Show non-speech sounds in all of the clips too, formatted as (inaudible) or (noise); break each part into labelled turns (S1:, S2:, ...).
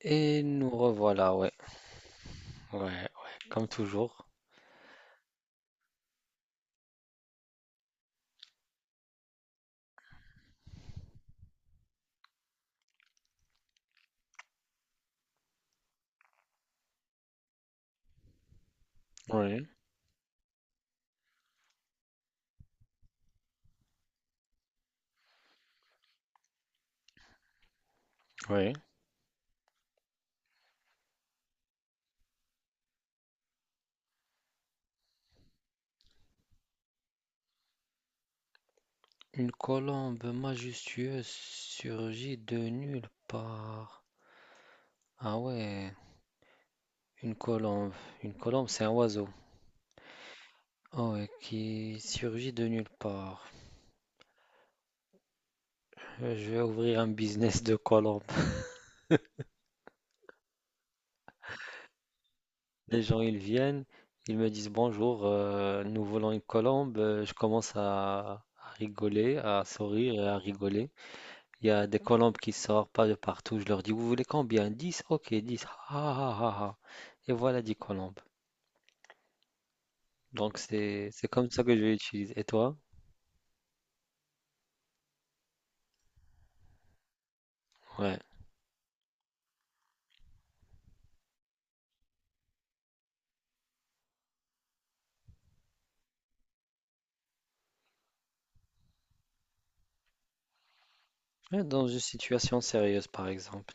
S1: Et nous revoilà, ouais, ouais, ouais, comme toujours. Oui, oui. Une colombe majestueuse surgit de nulle part. Ah ouais, une colombe, une colombe, c'est un oiseau. Oh, ouais, qui surgit de nulle part. Je vais ouvrir un business de colombe. Les gens, ils viennent, ils me disent bonjour, nous voulons une colombe. Je commence à rigoler, à sourire et à rigoler. Il y a des colombes qui sortent pas de partout. Je leur dis, vous voulez combien? 10. Ok, 10. Ah, ah, ah, ah. Et voilà 10 colombes. Donc c'est comme ça que je l'utilise. Et toi? Ouais. Ouais, dans une situation sérieuse, par exemple.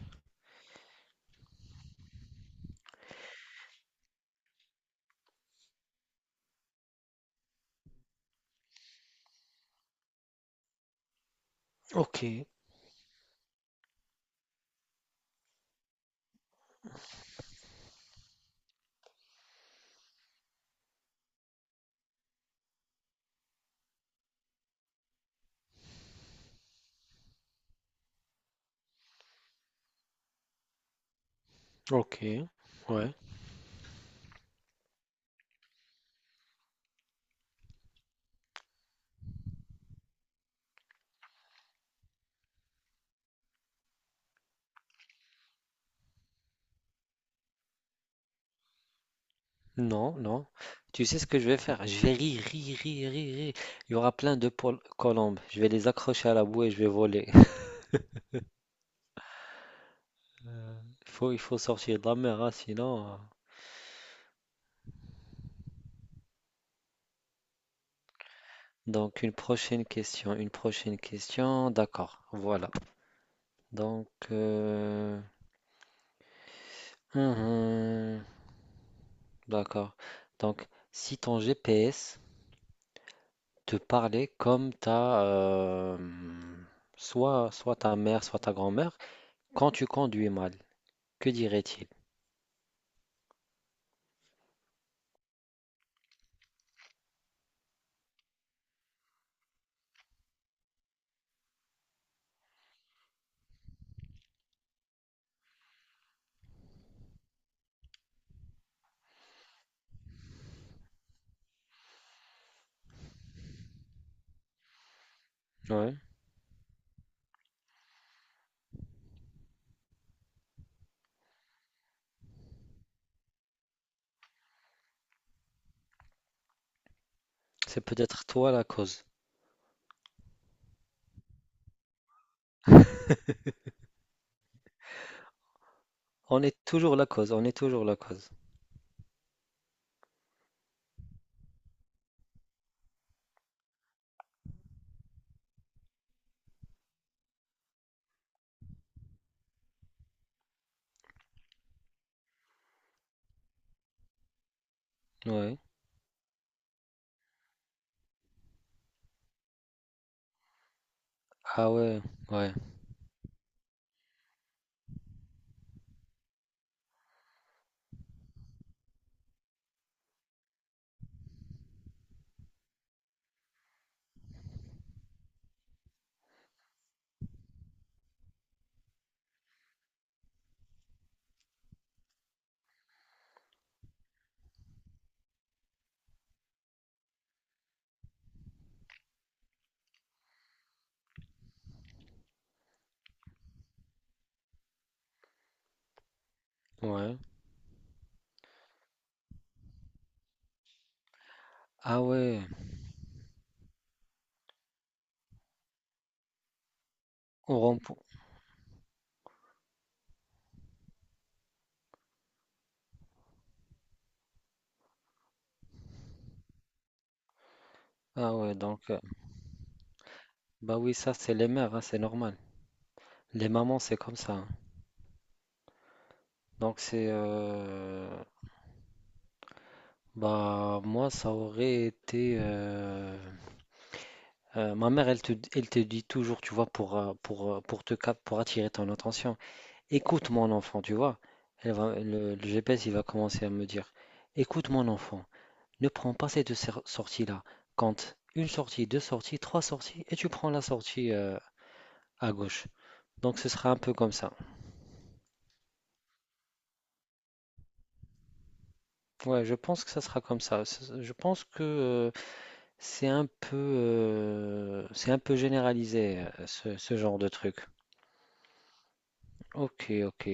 S1: Ok, ok, ouais. Non, non. Tu sais ce que je vais faire? Je vais rire, rire, rire, rire, rire. Il y aura plein de colombes. Je vais les accrocher à la boue et je vais voler. (laughs) Il faut sortir de la mer, hein, sinon. Donc, une prochaine question, une prochaine question. D'accord, voilà. Donc, hum, hum, d'accord. Donc, si ton GPS te parlait comme soit ta mère, soit ta grand-mère, quand tu conduis mal, que dirait-il? Ouais, c'est peut-être toi la cause. On est toujours la cause, on est toujours la cause. Ouais. Ah ouais, ouais, ouais. Ah ouais. on rempou- Ah ouais, donc, bah oui, ça c'est les mères, hein, c'est normal. Les mamans, c'est comme ça, hein. Donc c'est bah moi ça aurait été ma mère elle te dit toujours tu vois pour te cap pour attirer ton attention. Écoute mon enfant, tu vois. Le GPS il va commencer à me dire, écoute mon enfant, ne prends pas ces deux sorties là, compte une sortie, deux sorties, trois sorties, et tu prends la sortie à gauche. Donc ce sera un peu comme ça. Ouais, je pense que ça sera comme ça. Je pense que c'est un peu, c'est un peu généralisé, ce genre de truc. Ok, ok,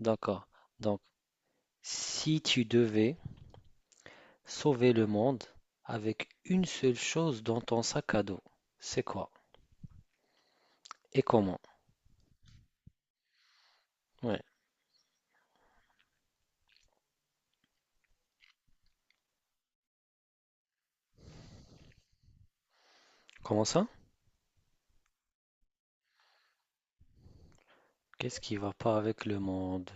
S1: d'accord. Donc, si tu devais sauver le monde avec une seule chose dans ton sac à dos, c'est quoi? Et comment? Ouais. Comment ça? Qu'est-ce qui va pas avec le monde?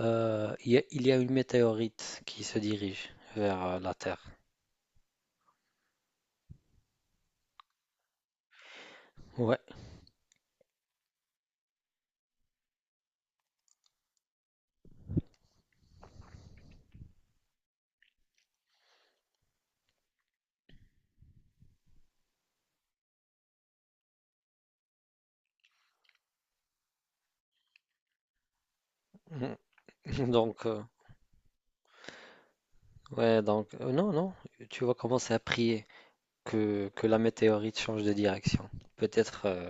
S1: Il y a une météorite qui se dirige vers la Terre. Ouais. (laughs) Donc, ouais, donc, non, non, tu vas commencer à prier que la météorite change de direction. Peut-être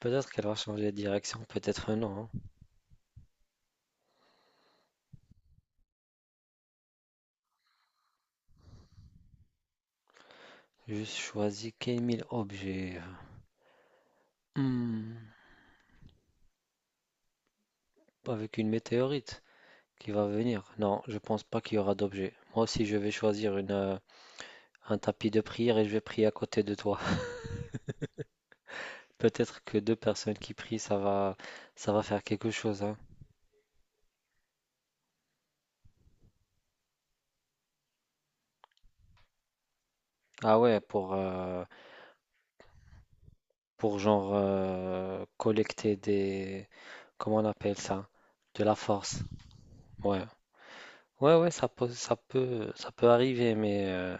S1: peut-être qu'elle va changer de direction, peut-être non, hein. Je choisis quel 1000 objets. Hmm, avec une météorite qui va venir. Non, je pense pas qu'il y aura d'objets. Moi aussi, je vais choisir un tapis de prière et je vais prier à côté de toi. (laughs) Peut-être que deux personnes qui prient, ça va faire quelque chose, hein. Ah ouais, pour genre collecter des... Comment on appelle ça? De la force. Ouais. Ouais, ouais, ça peut arriver,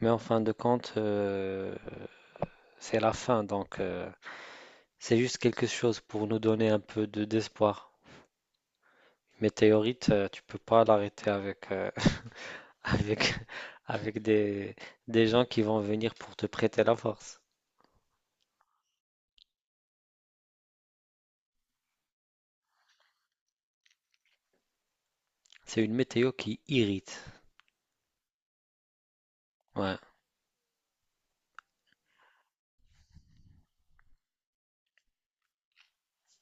S1: mais en fin de compte, c'est la fin, donc c'est juste quelque chose pour nous donner un peu de d'espoir. Météorite, tu peux pas l'arrêter avec, (laughs) avec, avec des gens qui vont venir pour te prêter la force. C'est une météo qui irrite. Ouais,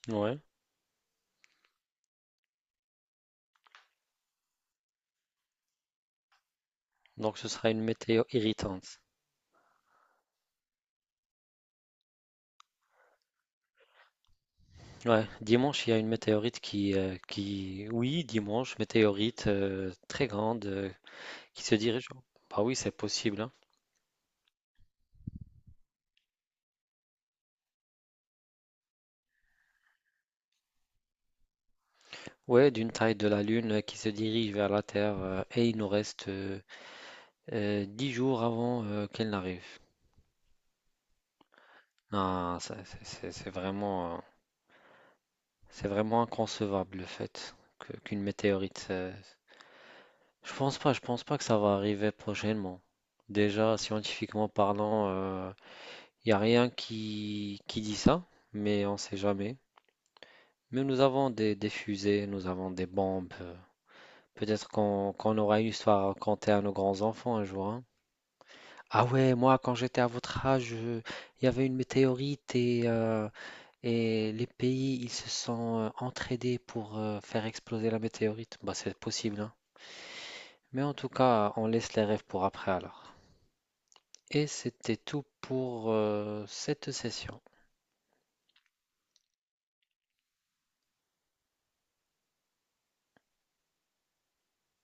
S1: ouais. Donc ce sera une météo irritante. Ouais, dimanche, il y a une météorite qui... Oui, dimanche, météorite très grande, qui se dirige? Bah oui, c'est possible, hein. Ouais, d'une taille de la Lune qui se dirige vers la Terre et il nous reste 10 jours avant qu'elle n'arrive. Non, c'est vraiment inconcevable le fait qu'une météorite. Je pense pas, je pense pas que ça va arriver prochainement. Déjà, scientifiquement parlant, il n'y a rien qui dit ça, mais on sait jamais. Mais nous avons des fusées, nous avons des bombes. Peut-être qu'on aura une histoire à raconter à nos grands-enfants un jour, hein. Ah ouais, moi, quand j'étais à votre âge, il y avait une météorite et les pays, ils se sont entraidés pour faire exploser la météorite. Bah, c'est possible, hein. Mais en tout cas, on laisse les rêves pour après alors. Et c'était tout pour cette session.